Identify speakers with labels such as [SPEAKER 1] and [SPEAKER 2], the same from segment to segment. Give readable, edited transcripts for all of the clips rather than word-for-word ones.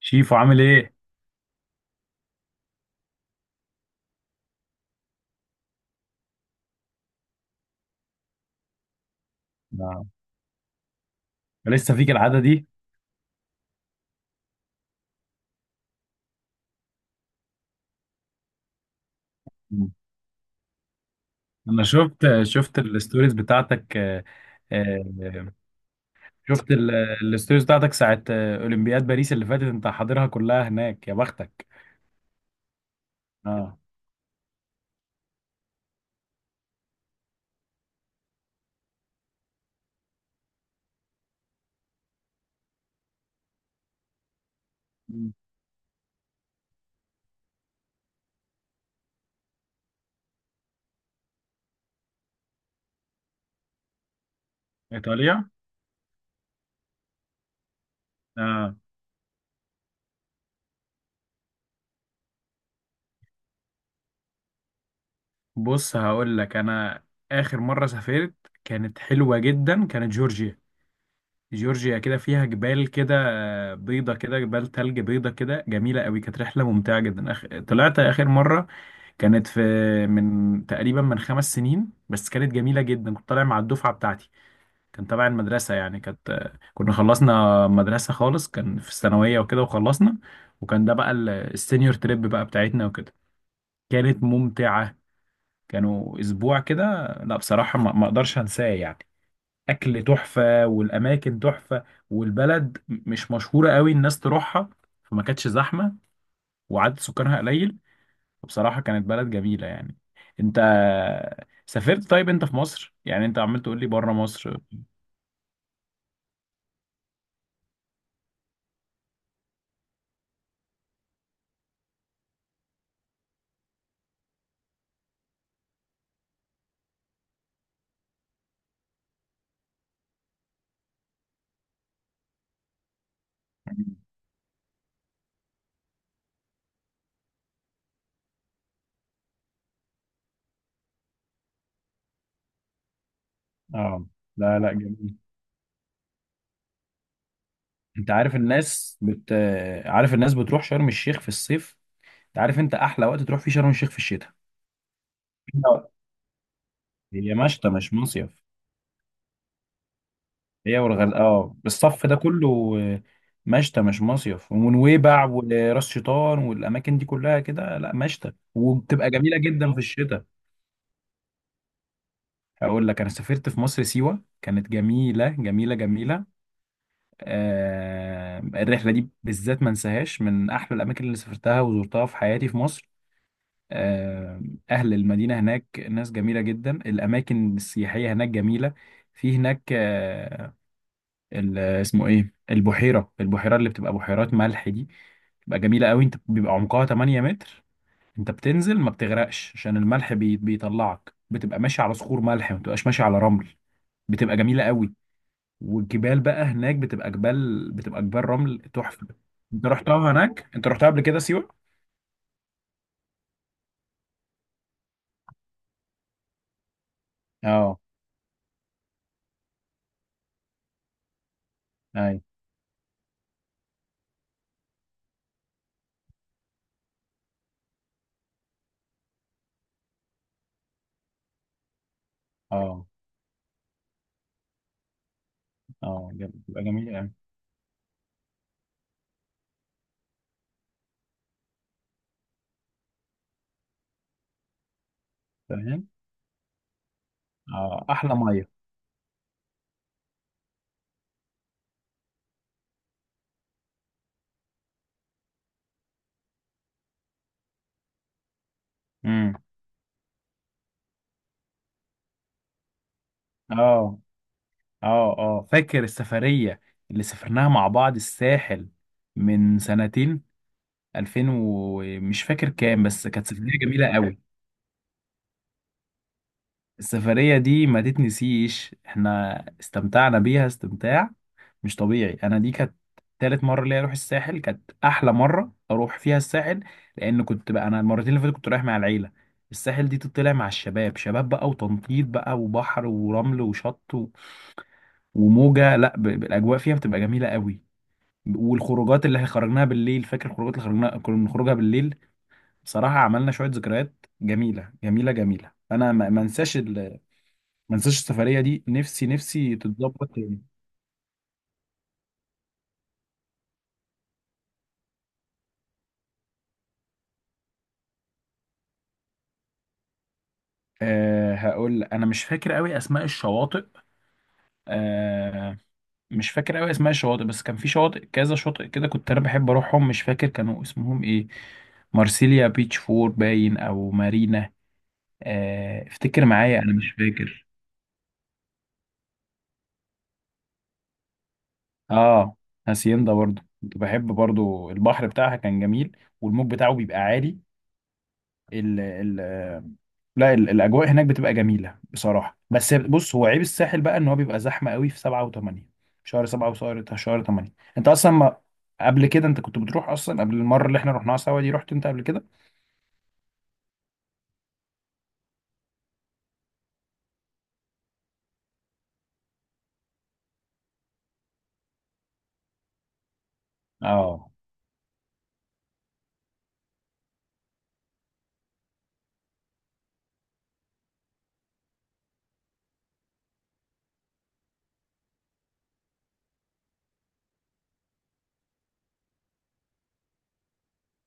[SPEAKER 1] شيفو عامل ايه؟ نعم. لسه فيك العادة دي؟ مم. انا شفت الستوريز بتاعتك، آه. شفت ال- الستوريز بتاعتك ساعة اولمبياد باريس اللي فاتت انت حاضرها كلها هناك، يا بختك. اه. مم. ايطاليا. اه. بص، هقول لك انا اخر مرة سافرت كانت حلوة جدا، كانت جورجيا. جورجيا كده فيها جبال كده، بيضة كده، جبال تلج بيضة كده، جميلة قوي. كانت رحلة ممتعة جدا. طلعت آخر مرة كانت في، من تقريبا من 5 سنين بس، كانت جميلة جدا. كنت طالع مع الدفعة بتاعتي، كان تبع المدرسة يعني. كانت خلصنا مدرسة خالص، كان في الثانوية وكده وخلصنا، وكان ده بقى السينيور تريب بقى بتاعتنا وكده. كانت ممتعة، كانوا أسبوع كده. لا بصراحة، ما أقدرش أنساه يعني. أكل تحفة والأماكن تحفة، والبلد مش مشهورة قوي الناس تروحها، فما كانتش زحمة، وعدد سكانها قليل. بصراحة كانت بلد جميلة يعني. انت سافرت؟ طيب انت في مصر، يعني انت عمال تقول لي بره مصر. اه. لا لا، جميل. انت عارف الناس عارف الناس بتروح شرم الشيخ في الصيف؟ انت عارف انت احلى وقت تروح فيه شرم الشيخ في الشتاء. لا. هي مشتى مش مصيف. هي والغردقه، اه، الصف ده كله، مشتى مش مصيف. ونويبع وراس شيطان والاماكن دي كلها كده، لا مشتى، وبتبقى جميله جدا في الشتاء. هقول لك انا سافرت في مصر سيوة، كانت جميلة جميلة جميلة. آه، الرحلة دي بالذات ما انساهاش، من احلى الاماكن اللي سافرتها وزرتها في حياتي في مصر. آه. اهل المدينة هناك ناس جميلة جدا، الاماكن السياحية هناك جميلة. في هناك آه، اسمه ايه، البحيرة، البحيرة اللي بتبقى بحيرات ملح دي، بتبقى جميلة قوي. انت بيبقى عمقها 8 متر، انت بتنزل ما بتغرقش، عشان الملح بيطلعك. بتبقى ماشي على صخور ملح، ما بتبقاش ماشي على رمل. بتبقى جميلة قوي. والجبال بقى هناك بتبقى جبال، بتبقى جبال رمل تحفة. انت رحتها هناك؟ انت رحتها قبل كده سيوة؟ اه. اي. اه اه، بتبقى جميلة قوي. فاهم. اه، احلى مية. امم. اه اه اه، فاكر السفرية اللي سافرناها مع بعض، الساحل، من سنتين، 2000 ومش فاكر كام، بس كانت سفرية جميلة قوي. السفرية دي ما تتنسيش، احنا استمتعنا بيها استمتاع مش طبيعي. انا دي كانت تالت مرة ليا اروح الساحل، كانت احلى مرة اروح فيها الساحل، لان كنت بقى انا المرتين اللي فاتت كنت رايح مع العيلة. الساحل دي تطلع مع الشباب، شباب بقى وتنطيط بقى وبحر ورمل وشط و... وموجة لا ب... ب- الاجواء فيها بتبقى جميلة قوي. والخروجات اللي خرجناها بالليل، فاكر الخروجات اللي خرجناها كنا بنخرجها بالليل؟ بصراحة عملنا شوية ذكريات جميلة جميلة جميلة، انا ما انساش، ما انساش السفريه دي. نفسي نفسي تتظبط تاني. أه هقول، انا مش فاكر قوي اسماء الشواطئ. أه، مش فاكر قوي اسماء الشواطئ، بس كان في شواطئ، كذا شاطئ كده كنت انا بحب اروحهم، مش فاكر كانوا اسمهم ايه. مارسيليا بيتش فور باين، او مارينا. أه افتكر معايا، انا مش فاكر. اه. هاسيندا برضو كنت بحب، برضو البحر بتاعها كان جميل، والموج بتاعه بيبقى عالي. ال ال لا، الاجواء هناك بتبقى جميله بصراحه. بس بص، هو عيب الساحل بقى ان هو بيبقى زحمه قوي في 7 و8، شهر 7 وشهر 8. انت اصلا ما، قبل كده انت كنت بتروح اصلا قبل المره اللي احنا رحناها سوا دي؟ رحت انت قبل كده؟ اه.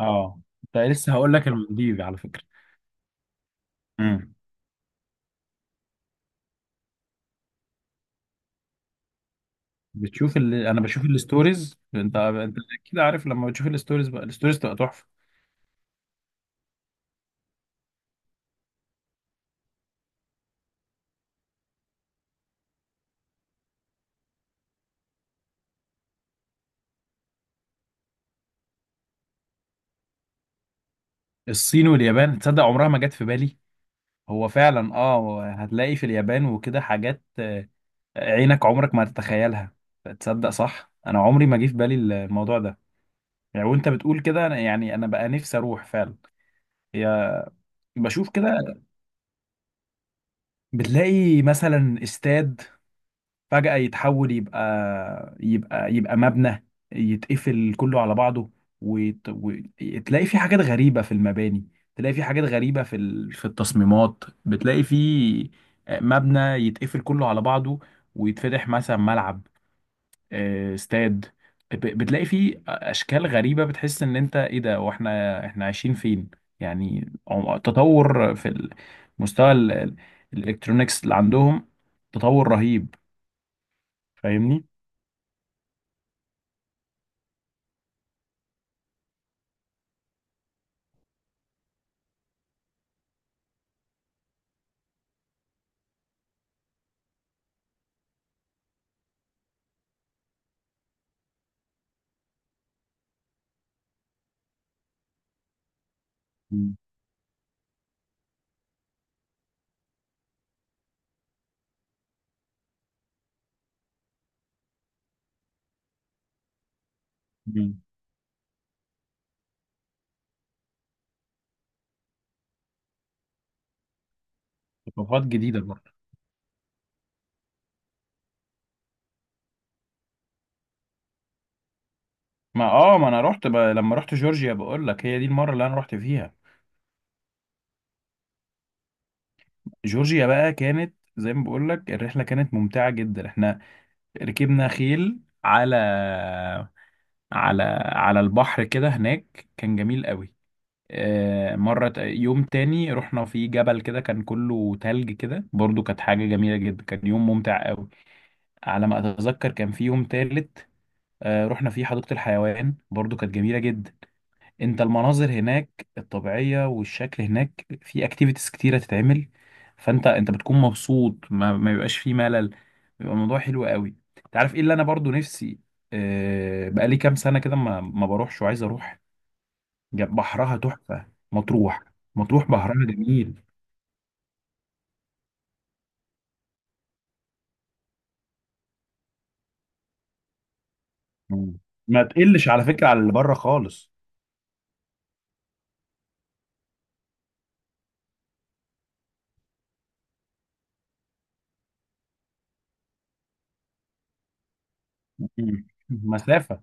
[SPEAKER 1] اه، انت لسه، هقول لك، المالديف على فكره. امم. بتشوف اللي انا بشوف الستوريز، انت اكيد عارف. لما بتشوف الستوريز بقى، الستوريز تبقى تحفه. الصين واليابان؟ تصدق عمرها ما جت في بالي. هو فعلا، اه، هتلاقي في اليابان وكده حاجات عينك عمرك ما تتخيلها. تصدق صح، انا عمري ما جه في بالي الموضوع ده. يعني وانت بتقول كده، يعني انا بقى نفسي اروح فعلا. هي، بشوف كده بتلاقي مثلا استاد فجأة يتحول يبقى مبنى، يتقفل كله على بعضه. وتلاقي في حاجات غريبة في المباني، تلاقي في حاجات غريبة في في التصميمات. بتلاقي في مبنى يتقفل كله على بعضه، ويتفتح مثلا ملعب، استاد، بتلاقي فيه اشكال غريبه، بتحس ان انت ايه ده، واحنا عايشين فين يعني. تطور في المستوى الالكترونيكس اللي عندهم، تطور رهيب. فاهمني. مم. مم. ثقافات جديده برضه. ما اه ما انا لما رحت جورجيا بقول لك، هي دي المره اللي انا رحت فيها. جورجيا بقى كانت زي ما بقول لك، الرحله كانت ممتعه جدا. احنا ركبنا خيل على على البحر كده، هناك كان جميل قوي. آه، مرة يوم تاني رحنا في جبل كده كان كله تلج كده، برضو كانت حاجة جميلة جدا، كان يوم ممتع قوي. على ما أتذكر كان في يوم تالت، آه، رحنا فيه حديقة الحيوان، برضو كانت جميلة جدا. انت المناظر هناك الطبيعية والشكل، هناك في اكتيفيتيز كتيرة تتعمل، فانت بتكون مبسوط، ما بيبقاش فيه ملل، بيبقى الموضوع حلو قوي. تعرف ايه اللي انا برضو نفسي، بقالي كام سنة كده ما بروحش وعايز اروح. بحرها تحفة. مطروح. مطروح بحرها جميل. مم. ما تقلش على فكرة على اللي بره خالص. مم. مسافة.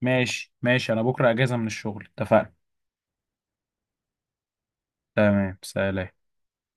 [SPEAKER 1] ماشي ماشي، أنا بكرة أجازة من الشغل. اتفقنا. تمام سلام.